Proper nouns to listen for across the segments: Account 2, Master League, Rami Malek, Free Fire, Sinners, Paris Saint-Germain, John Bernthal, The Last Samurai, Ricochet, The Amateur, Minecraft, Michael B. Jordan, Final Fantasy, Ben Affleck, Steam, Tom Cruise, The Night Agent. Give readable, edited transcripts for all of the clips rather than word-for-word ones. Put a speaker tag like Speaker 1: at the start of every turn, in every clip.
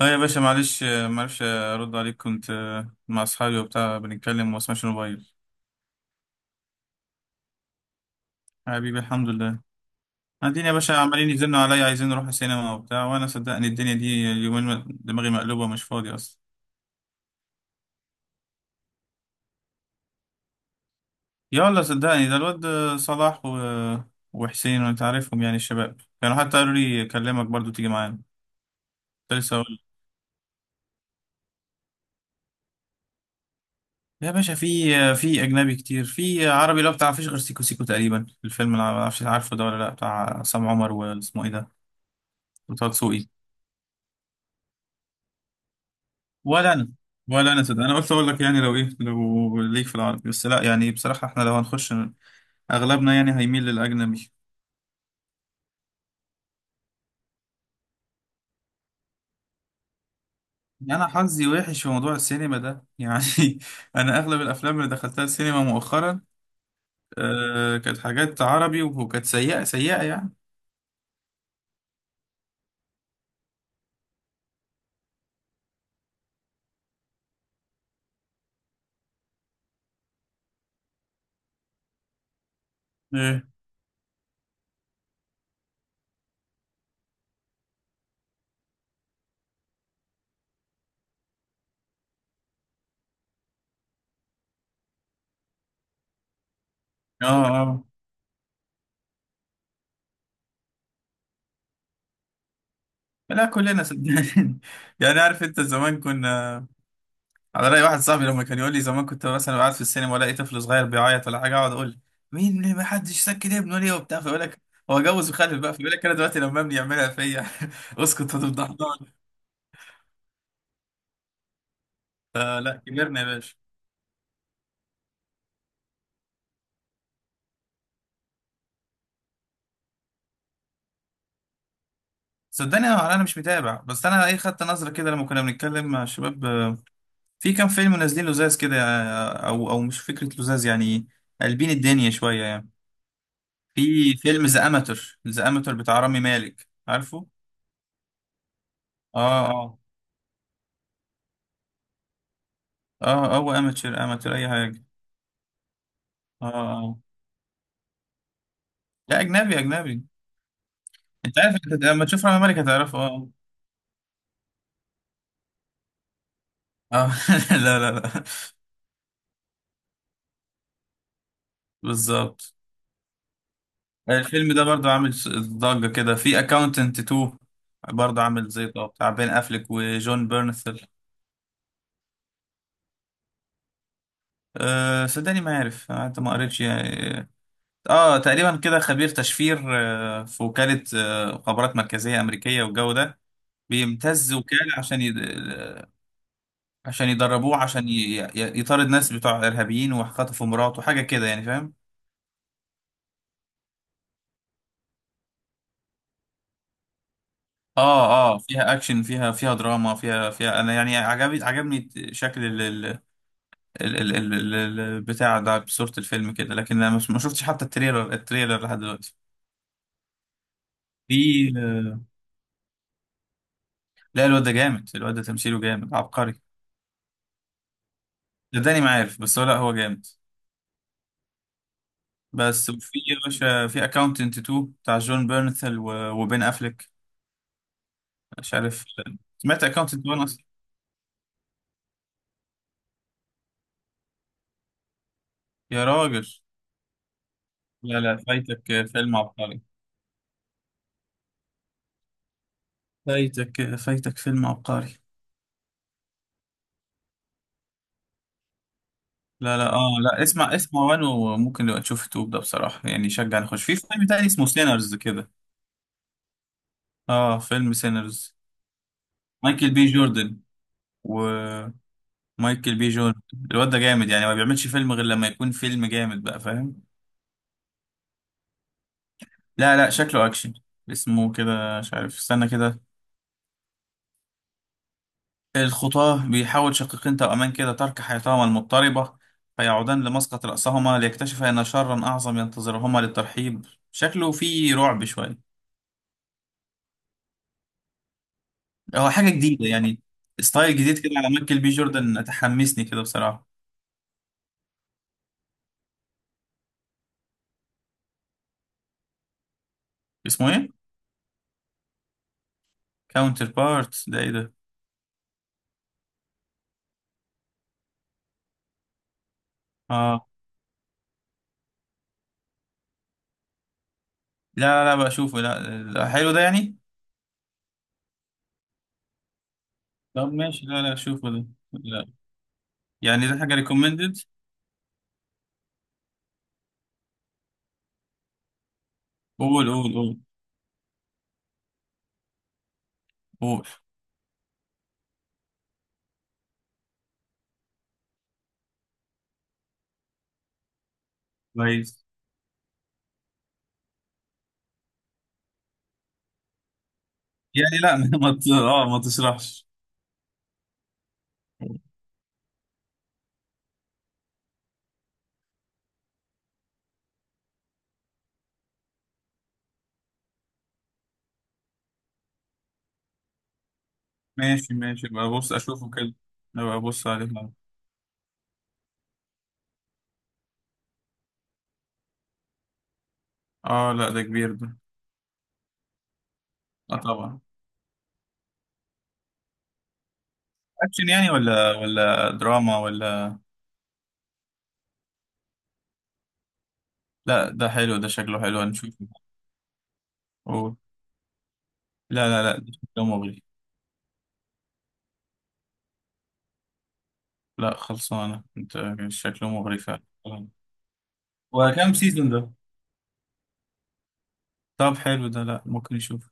Speaker 1: اه يا باشا، معلش. معرفش ارد عليك، كنت مع اصحابي وبتاع بنتكلم وما اسمعش الموبايل. حبيبي، الحمد لله. قاعدين يا باشا، عمالين يزنوا عليا، عايزين نروح السينما وبتاع، وانا صدقني الدنيا دي اليومين دماغي مقلوبه، مش فاضي اصلا. يلا صدقني، ده الواد صلاح و... آه، وحسين، وانت عارفهم يعني الشباب، كانوا حتى قالوا لي اكلمك برضو تيجي معانا. كنت لسه اقول، يا باشا في في اجنبي كتير، في عربي اللي هو بتاع مفيش غير سيكو سيكو تقريبا، الفيلم اللي ما اعرفش عارفه ده ولا لا، بتاع عصام عمر واسمه ايه ده، وطه دسوقي. ولا انا، ولا انا صدق، انا قلت اقول لك يعني لو ايه، لو ليك في العربي، بس لا يعني بصراحه احنا لو هنخش اغلبنا يعني هيميل للاجنبي. يعني انا حظي وحش في موضوع السينما ده يعني انا اغلب الافلام اللي دخلتها السينما مؤخرا كانت حاجات عربي، وكانت سيئه سيئه يعني. ايه، اه اه، لا كلنا صدقني يعني عارف انت زمان كنا على رأي واحد صاحبي لما كان يقول لي زمان كنت مثلا قاعد في السينما والاقي طفل صغير بيعيط ولا حاجه، اقعد اقول ما حدش سكت ابنه ليه وبتاع، فيقول لك هو جوز وخلف بقى، فيقول لك انا دلوقتي لما ابني يعملها فيا اسكت هتفضحنا. آه لا كبرنا يا باشا. صدقني أنا مش متابع، بس انا ايه خدت نظره كده لما كنا بنتكلم مع الشباب، في كام فيلم نازلين لزاز كده، او مش فكره لزاز يعني، قلبين الدنيا شويه يعني. في فيلم ذا اماتور، ذا اماتور بتاع رامي مالك، عارفه؟ اه اه. اه هو اماتور اماتور اي حاجه. اه لا اجنبي اجنبي. انت عارف انت لما تشوف رامي مالك هتعرفه، اه. اه لا لا لا. بالظبط. الفيلم ده برضه عامل ضجة كده، في اكاونتنت 2 برضه، عامل زي طب بتاع بين افليك وجون بيرنثل. أه صدقني ما عارف، انت ما قريتش يعني. اه تقريبا كده خبير تشفير في وكالة مخابرات مركزية أمريكية والجو ده، بيمتز وكالة عشان يد... آه، عشان يدربوه عشان ي... ي- يطارد ناس بتوع إرهابيين وخطفوا مراته، حاجة كده يعني فاهم. اه اه، فيها اكشن، فيها فيها دراما، فيها فيها انا يعني عجبني عجبني شكل البتاع ده بصورة الفيلم كده، لكن انا ما شفتش حتى التريلر، التريلر لحد دلوقتي. في لا الواد ده جامد، الواد ده تمثيله جامد عبقري. صدقني ما عارف، بس هو لا هو جامد. بس وفي يا باشا في اكاونتنت 2 بتاع جون بيرنثل و- وبين افليك، مش عارف سمعت اكاونتنت 1 اصلا؟ يا راجل لا لا، فايتك فيلم عبقري، فايتك فيلم عبقري. لا لا اه لا اسمع، اسمع. وان وممكن نبقى نشوف التوب ده بصراحة يعني، يشجع نخش في فيلم تاني اسمه سينرز كده. اه فيلم سينرز، مايكل بي جوردن. ومايكل بي جوردن، الواد ده جامد يعني ما بيعملش فيلم غير لما يكون فيلم جامد بقى فاهم. لا لا شكله اكشن. اسمه كده مش عارف، استنى كده. الخطاة، بيحاول شقيقين توأمان كده ترك حياتهما المضطربة، فيعودان لمسقط رأسهما ليكتشفا أن شرا أعظم ينتظرهما للترحيب. شكله فيه رعب شوية. هو حاجة جديدة يعني، ستايل جديد كده على مايكل بي جوردن، تحمسني كده بصراحة. اسمه ايه؟ كاونتر بارت ده ايه ده؟ اه، لا لا لا بقى اشوفه، لا لا، حلو ده يعني؟ طب ماشي، لا لا اشوفه ده. لا، يعني ده حاجة ريكومندد؟ قول قول قول، قول. كويس. يعني لا ما ت- اه ما تشرحش. ماشي ماشي بقى، بص اشوفه كده، بقى ابص عليه. اه لا ده كبير ده. اه طبعا. اكشن يعني ولا ولا دراما ولا؟ لا ده حلو، ده شكله حلو، هنشوفه. قول. لا لا لا، ده شكله مغري. لا خلصانة انت، شكله مغري فعلا. وكم سيزون ده؟ طب حلو ده، لا ممكن نشوف.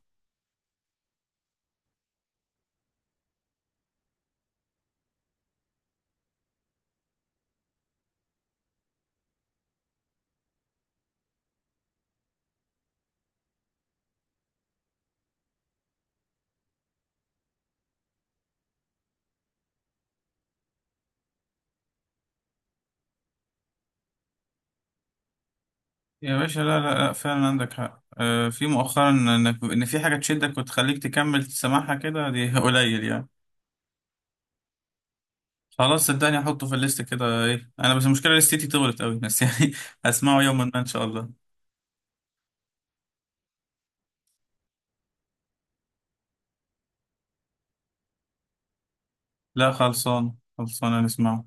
Speaker 1: يا باشا لا لا لا، فعلا عندك حق في مؤخرا انك ان في حاجة تشدك وتخليك تكمل سماعها كده، دي قليل يعني. خلاص صدقني احطه في الليست كده، ايه انا بس المشكلة لستي طولت قوي بس يعني هسمعه يوما ما ان شاء الله. لا خلصان خلصان نسمعه.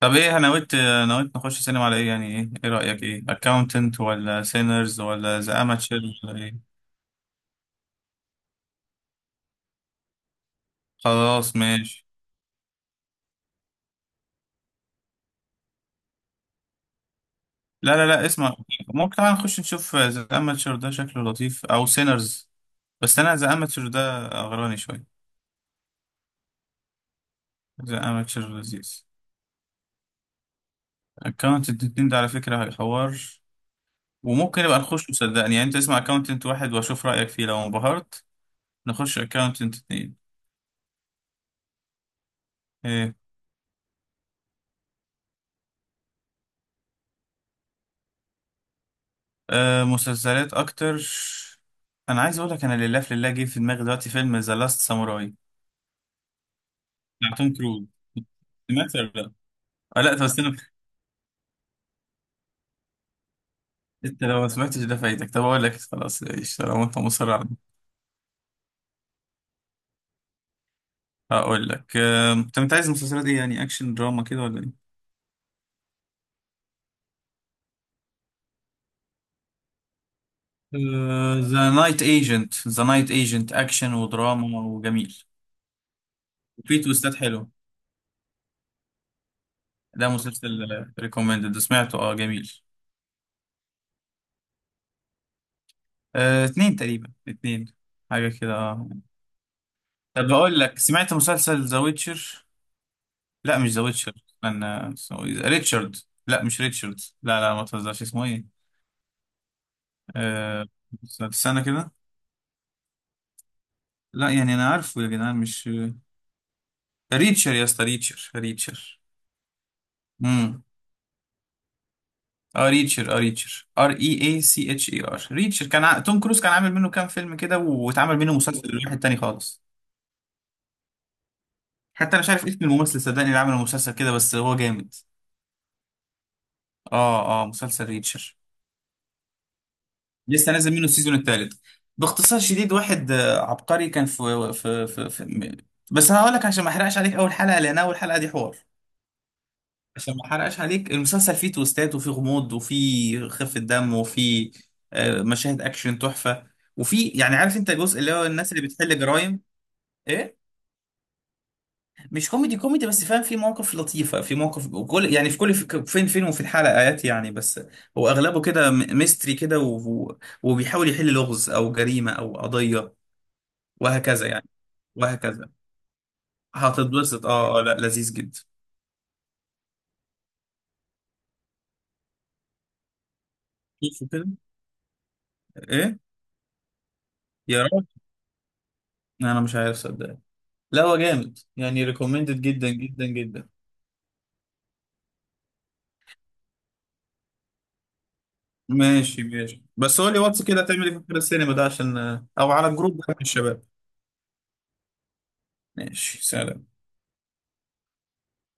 Speaker 1: طب ايه، انا نويت، نويت نخش سينما على ايه يعني؟ ايه ايه رأيك، ايه اكاونتنت ولا سينرز ولا ذا اماتشر؟ خلاص ماشي. لا لا لا اسمع، ممكن طبعا نخش نشوف ذا اماتشر ده شكله لطيف او سينرز، بس انا ذا اماتشر ده غراني شويه. ذا اماتشر لذيذ. اكونت الاتنين ده على فكره هيحور، وممكن يبقى نخش صدقني يعني، انت اسمع اكونتنت واحد واشوف رايك فيه، لو انبهرت نخش اكونتنت اتنين. ايه. آه مسلسلات اكتر. انا عايز اقول لك، انا لله في لله جه في دماغي دلوقتي فيلم ذا لاست ساموراي بتاع توم كروز، سمعت ولا لا؟ آه لا طب استنى، انت لو ما سمعتش ده فايتك، طب اقول لك خلاص ايش لو انت مصر على ده. هقول لك طب انت عايز المسلسلات ايه يعني، اكشن دراما كده ولا ايه؟ ذا نايت ايجنت، ذا نايت ايجنت اكشن ودراما وجميل، وفي تويستات حلو. ده مسلسل ريكومندد، سمعته اه جميل. اتنين تقريبا، اتنين، حاجة كده اه. طب بقول لك سمعت مسلسل ذا ويتشر؟ لا مش ذا ويتشر، استنى. اسمه إيه؟ ريتشارد، لا مش ريتشارد، لا لا ما تهزرش، اسمه ايه؟ آه، استنى كده. لا يعني انا عارفه يا جدعان، مش آه، ريتشر يا اسطى، ريتشر ريتشر. امم اه ريتشر، اه ريتشر، ار اي اي سي اتش اي ار، ريتشر كان توم كروز كان عامل منه كام فيلم كده، واتعمل منه مسلسل لواحد تاني خالص. حتى انا مش عارف اسم الممثل صدقني، اللي عمل المسلسل كده بس هو جامد. اه اه مسلسل ريتشر، لسه نازل منه السيزون الثالث. باختصار شديد واحد عبقري، كان بس هقول لك عشان ما احرقش عليك اول حلقه، لان اول حلقه دي حوار. عشان ما احرقش عليك، المسلسل فيه تويستات وفيه غموض وفيه خفة دم وفيه مشاهد اكشن تحفة، وفي يعني عارف انت الجزء اللي هو الناس اللي بتحل جرايم. ايه. مش كوميدي كوميدي بس فاهم، في مواقف لطيفة، في مواقف وكل يعني في كل في فين فين وفي الحلقات يعني، بس هو اغلبه كده ميستري كده وبيحاول يحل لغز او جريمة او قضية وهكذا يعني، وهكذا. هتتبسط اه، لا لذيذ جدا. شوفوا كده. ايه. يا رب، انا مش عارف صدق، لا هو جامد يعني، ريكومندد جدا جدا جدا. ماشي ماشي، بس قول لي واتس كده تعمل ايه في آخر السينما ده، عشان او على الجروب ده من الشباب. ماشي، سلام.